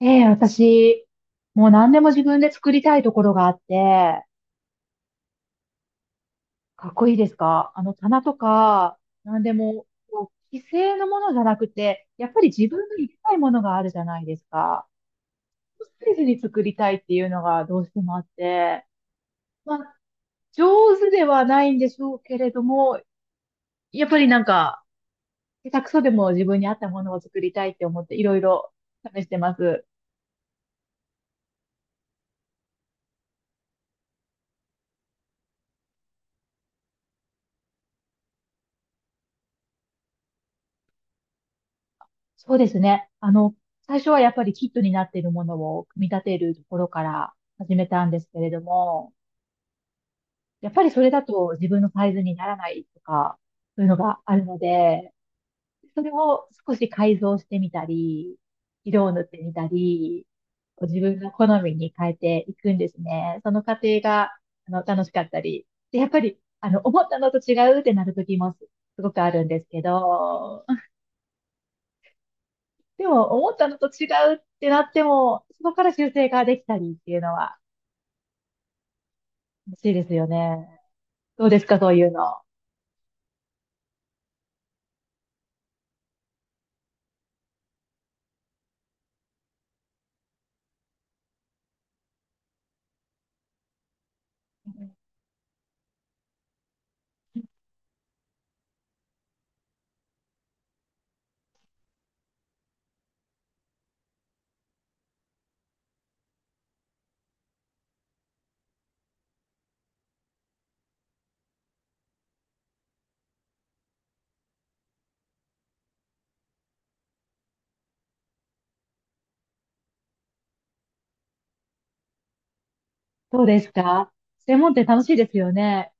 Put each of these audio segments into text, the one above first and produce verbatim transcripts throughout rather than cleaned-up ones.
ええ、私、もう何でも自分で作りたいところがあって、かっこいいですか？あの棚とか、何でも、こう、既成のものじゃなくて、やっぱり自分の行きたいものがあるじゃないですか。ステージに作りたいっていうのがどうしてもあって、まあ、上手ではないんでしょうけれども、やっぱりなんか、下手くそでも自分に合ったものを作りたいって思って、いろいろ試してます。そうですね。あの、最初はやっぱりキットになっているものを組み立てるところから始めたんですけれども、やっぱりそれだと自分のサイズにならないとか、そういうのがあるので、それを少し改造してみたり、色を塗ってみたり、自分の好みに変えていくんですね。その過程が、あの、楽しかったり。で、やっぱり、あの、思ったのと違うってなる時もすすごくあるんですけど、でも、思ったのと違うってなっても、そこから修正ができたりっていうのは、楽しいですよね。どうですか、そういうの。どうですか？専門店楽しいですよね。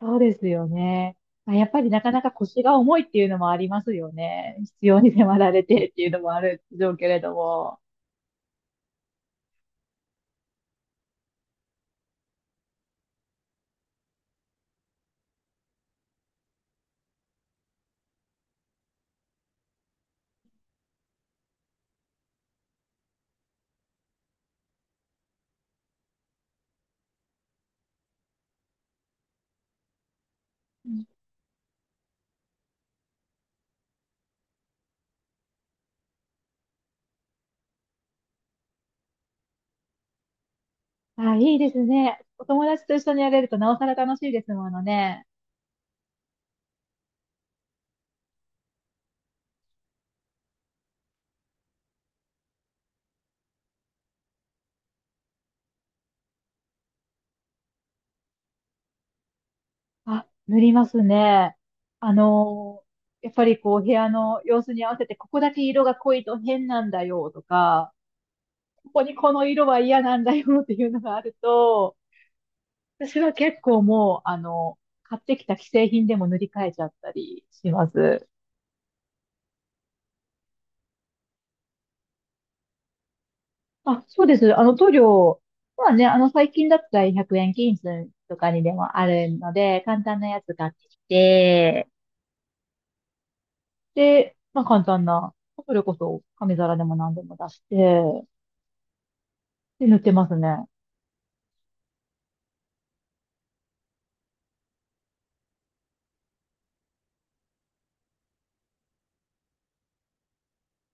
そうですよね。まあ、やっぱりなかなか腰が重いっていうのもありますよね。必要に迫られてっていうのもあるでしょうけれども。うん。あ、いいですね。お友達と一緒にやれるとなおさら楽しいですものね。あ、塗りますね。あのーやっぱりこう、部屋の様子に合わせて、ここだけ色が濃いと変なんだよとか、ここにこの色は嫌なんだよっていうのがあると、私は結構もう、あの、買ってきた既製品でも塗り替えちゃったりします。あ、そうです。あの、塗料はね、あの、最近だったらひゃくえん均一とかにでもあるので、簡単なやつ買ってきて、で、まあ簡単な、それこそ紙皿でも何でも出して、で、塗ってますね。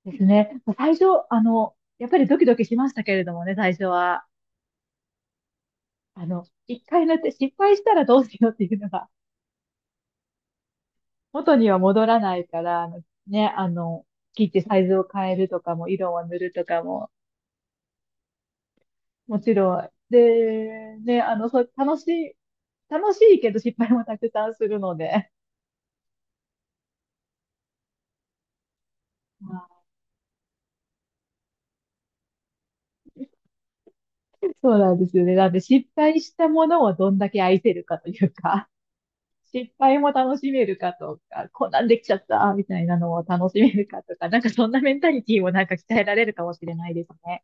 ですね。最初、あの、やっぱりドキドキしましたけれどもね、最初は。あの、一回塗って失敗したらどうしようっていうのが、元には戻らないから、あのね、あの、切ってサイズを変えるとかも、色を塗るとかも、もちろん。で、ね、あの、そう、楽しい、楽しいけど失敗もたくさんするので。はい。 そうなんですよね。なんで失敗したものをどんだけ愛せるかというか。失敗も楽しめるかとか、こんなんできちゃったみたいなのを楽しめるかとか、なんかそんなメンタリティもなんか鍛えられるかもしれないですね。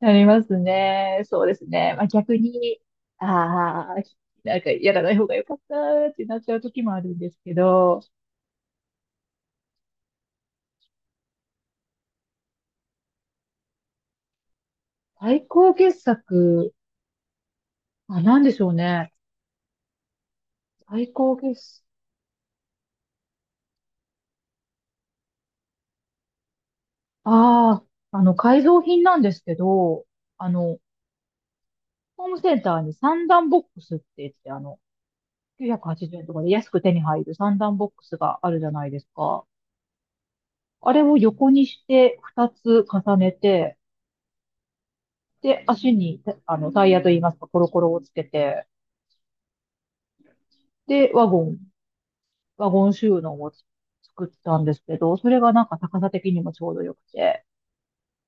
なりますね。そうですね。まあ、逆に、ああ、なんかやらない方が良かったってなっちゃう時もあるんですけど、最高傑作、あ、なんでしょうね。最高傑作、ああ、あの、改造品なんですけど、あの、ホームセンターに三段ボックスって言って、あの、きゅうひゃくはちじゅうえんとかで安く手に入る三段ボックスがあるじゃないですか。あれを横にしてふたつ重ねて、で、足にあのタイヤといいますか、コロコロをつけて、で、ワゴン、ワゴン収納をつ作ったんですけど、それがなんか高さ的にもちょうどよくて、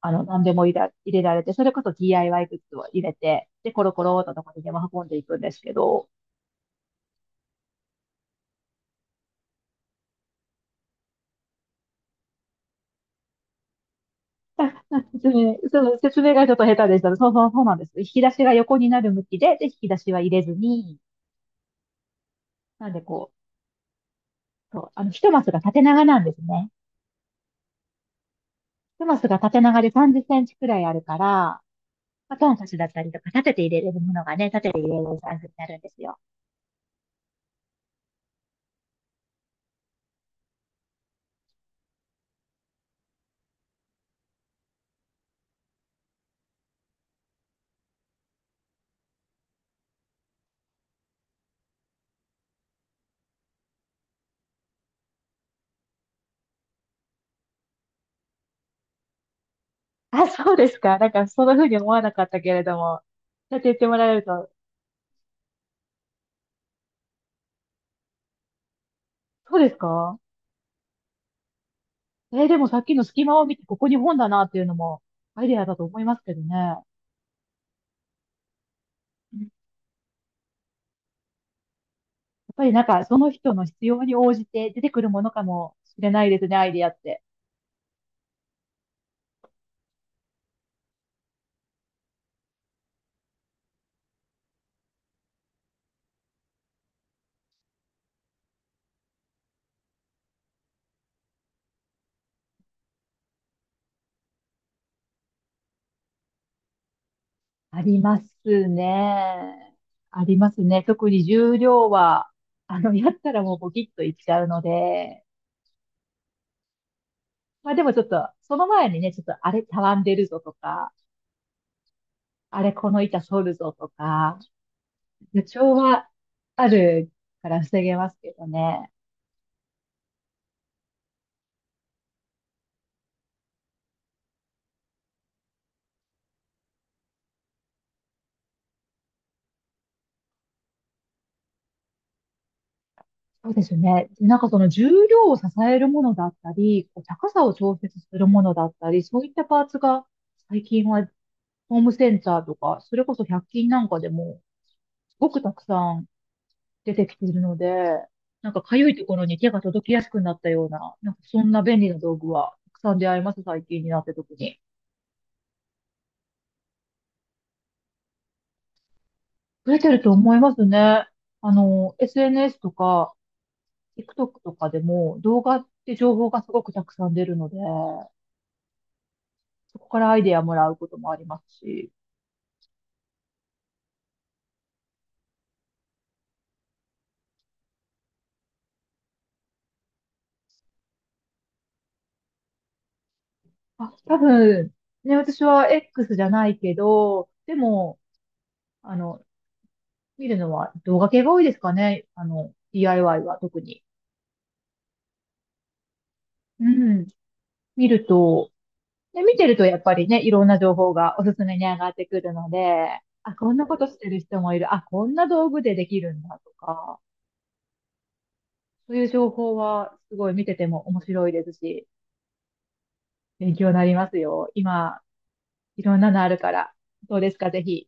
あの、何でも入れ、入れられて、それこそ ディーアイワイ グッズを入れて、で、コロコロっとどこにでも運んでいくんですけど、あ、説明、その説明がちょっと下手でした。そうそうそうなんです。引き出しが横になる向きで、で、引き出しは入れずに、なんでこう、そう、あの、一マスが縦長なんですね。一マスが縦長でさんじゅっセンチくらいあるから、まあ、トンカチだったりとか、立てて入れれるものがね、立てて入れれるサイズになるんですよ。あ、そうですか。なんか、そんな風に思わなかったけれども、そうやって言ってもらえると、そうですか？えーでもさっきの隙間を見て、ここに本だなっていうのも、アイデアだと思いますけどね。うん。やっぱりなんか、その人の必要に応じて出てくるものかもしれないですね、アイデアって。ありますね。ありますね。特に重量は、あの、やったらもうボキッといっちゃうので、まあでもちょっと、その前にね、ちょっとあれたわんでるぞとか、あれこの板反るぞとか、予兆はあるから防げますけどね。そうですね。でなんかその重量を支えるものだったり、こう高さを調節するものだったり、そういったパーツが最近はホームセンターとか、それこそ百均なんかでも、すごくたくさん出てきているので、なんか痒いところに手が届きやすくなったような、なんかそんな便利な道具はたくさん出会います、最近になって特に。増えてると思いますね。あの、エスエヌエス とか、TikTok とかでも動画って情報がすごくたくさん出るので、そこからアイデアもらうこともありますし、あ、多分、ね、私は X じゃないけど、でも、あの、見るのは動画系が多いですかね。あの、ディーアイワイ は特に。うん。見ると、で、見てるとやっぱりね、いろんな情報がおすすめに上がってくるので、あ、こんなことしてる人もいる。あ、こんな道具でできるんだとか、そういう情報はすごい見てても面白いですし、勉強になりますよ。今、いろんなのあるから。どうですか、ぜひ。